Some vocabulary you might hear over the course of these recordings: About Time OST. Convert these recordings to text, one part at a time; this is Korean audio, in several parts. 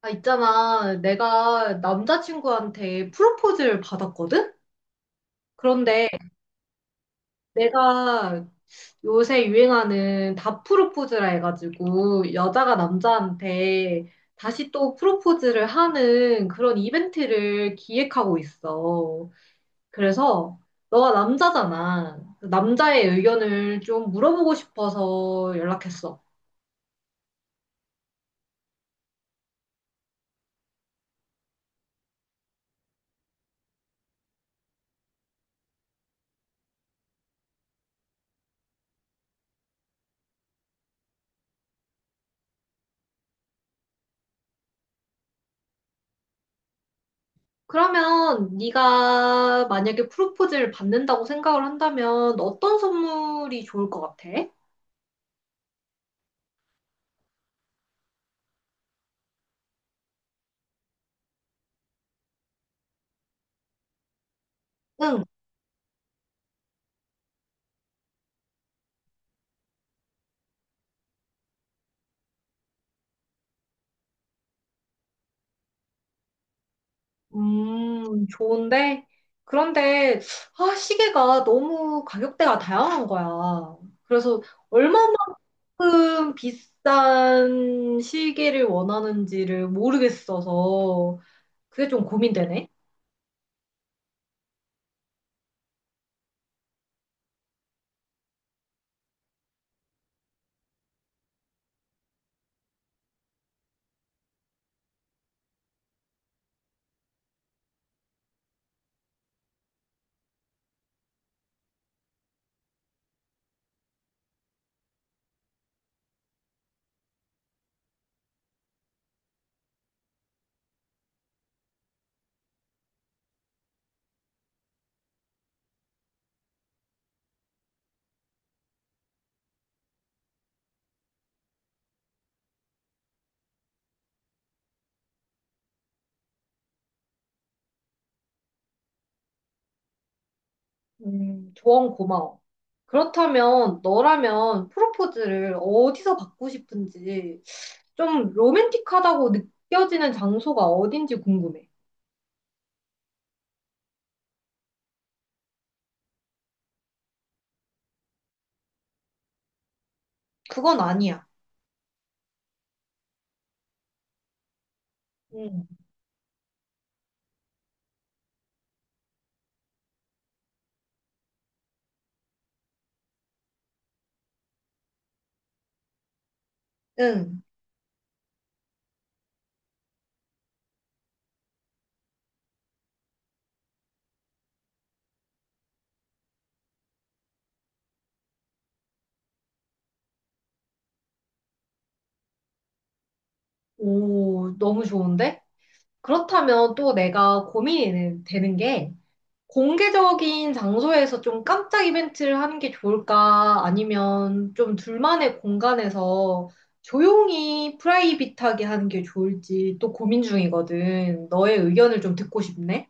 아, 있잖아. 내가 남자친구한테 프로포즈를 받았거든? 그런데 내가 요새 유행하는 다 프로포즈라 해가지고 여자가 남자한테 다시 또 프로포즈를 하는 그런 이벤트를 기획하고 있어. 그래서 너가 남자잖아. 남자의 의견을 좀 물어보고 싶어서 연락했어. 그러면 네가 만약에 프로포즈를 받는다고 생각을 한다면 어떤 선물이 좋을 것 같아? 응, 좋은데 그런데 아, 시계가 너무 가격대가 다양한 거야. 그래서 얼마만큼 비싼 시계를 원하는지를 모르겠어서 그게 좀 고민되네. 조언 고마워. 그렇다면 너라면 프로포즈를 어디서 받고 싶은지 좀 로맨틱하다고 느껴지는 장소가 어딘지 궁금해. 그건 아니야. 응. 응. 오, 너무 좋은데? 그렇다면 또 내가 고민이 되는 게 공개적인 장소에서 좀 깜짝 이벤트를 하는 게 좋을까? 아니면 좀 둘만의 공간에서 조용히 프라이빗하게 하는 게 좋을지 또 고민 중이거든. 너의 의견을 좀 듣고 싶네.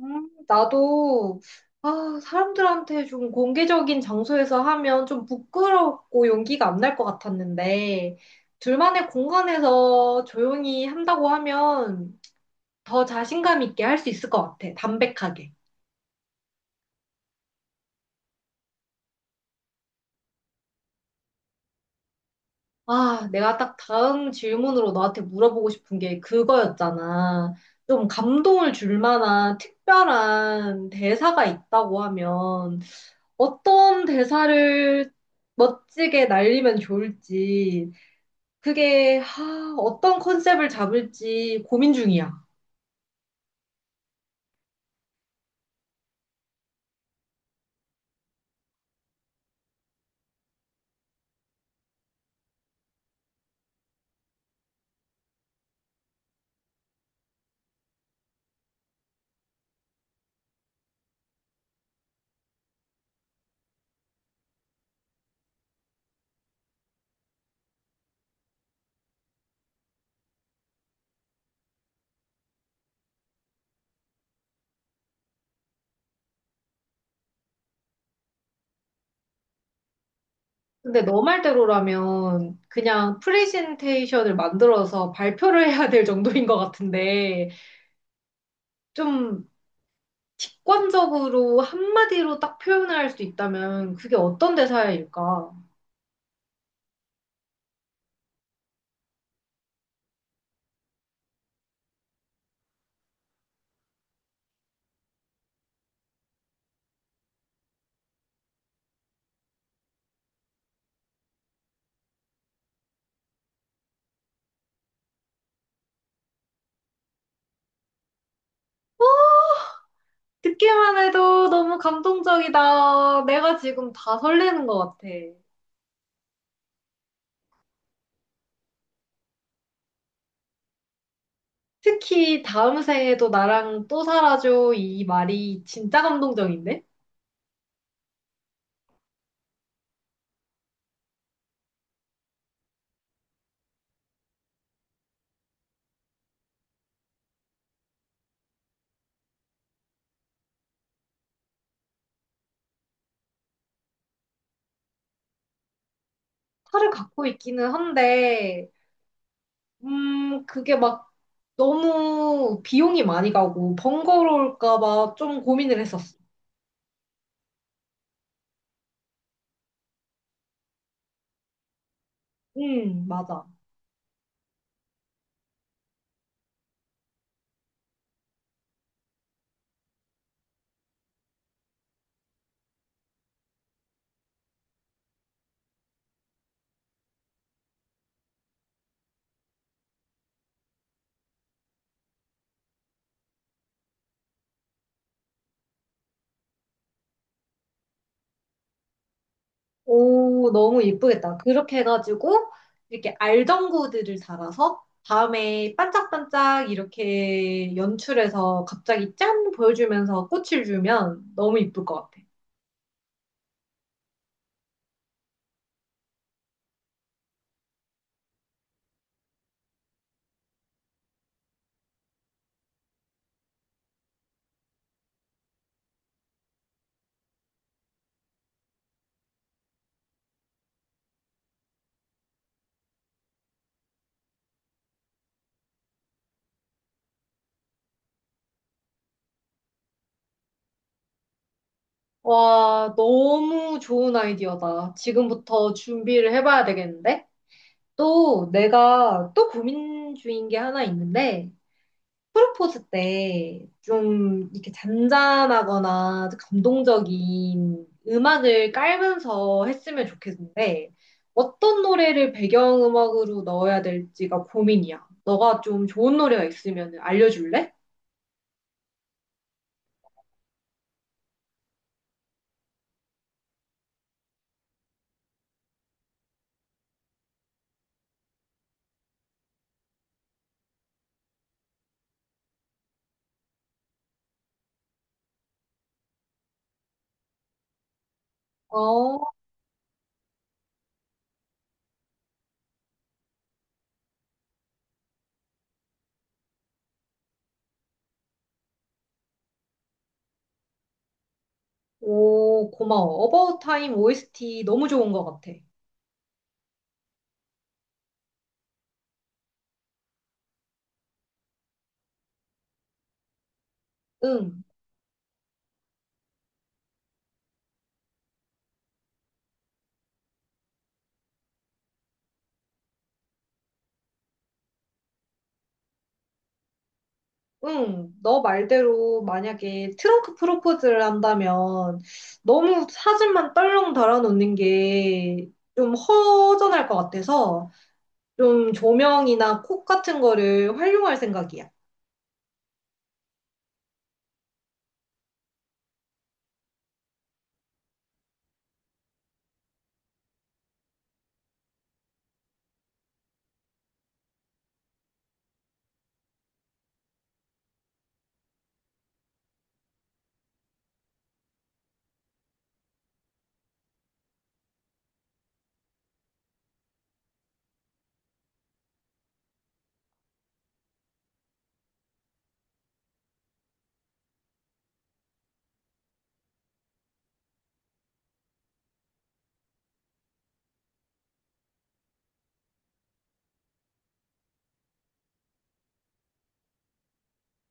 나도 아, 사람들한테 좀 공개적인 장소에서 하면 좀 부끄럽고 용기가 안 날 것 같았는데 둘만의 공간에서 조용히 한다고 하면 더 자신감 있게 할 수 있을 것 같아. 담백하게. 아, 내가 딱 다음 질문으로 너한테 물어보고 싶은 게 그거였잖아. 좀 감동을 줄 만한 특별한 대사가 있다고 하면 어떤 대사를 멋지게 날리면 좋을지, 그게 하, 어떤 컨셉을 잡을지 고민 중이야. 근데 너 말대로라면 그냥 프레젠테이션을 만들어서 발표를 해야 될 정도인 것 같은데, 좀 직관적으로 한마디로 딱 표현할 수 있다면 그게 어떤 대사일까? 듣기만 해도 너무 감동적이다. 내가 지금 다 설레는 것 같아. 특히 다음 생에도 나랑 또 살아줘. 이 말이 진짜 감동적인데? 탈을 갖고 있기는 한데, 그게 막 너무 비용이 많이 가고 번거로울까 봐 좀 고민을 했었어. 맞아. 오, 너무 예쁘겠다. 그렇게 해가지고, 이렇게 알전구들을 달아서, 다음에 반짝반짝 이렇게 연출해서 갑자기 짠! 보여주면서 꽃을 주면 너무 예쁠 것 같아. 와, 너무 좋은 아이디어다. 지금부터 준비를 해봐야 되겠는데? 또 내가 또 고민 중인 게 하나 있는데, 프로포즈 때 좀 이렇게 잔잔하거나 감동적인 음악을 깔면서 했으면 좋겠는데 어떤 노래를 배경음악으로 넣어야 될지가 고민이야. 너가 좀 좋은 노래가 있으면 알려줄래? 어, 오, 고마워. About Time OST 너무 좋은 것 같아. 응. 응, 너 말대로 만약에 트렁크 프로포즈를 한다면 너무 사진만 떨렁 달아놓는 게 좀 허전할 것 같아서 좀 조명이나 콕 같은 거를 활용할 생각이야.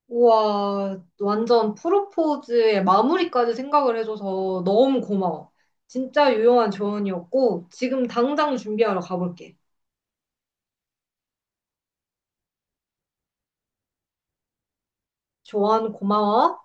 우와, 완전 프로포즈의 마무리까지 생각을 해줘서 너무 고마워. 진짜 유용한 조언이었고 지금 당장 준비하러 가볼게. 조언 고마워.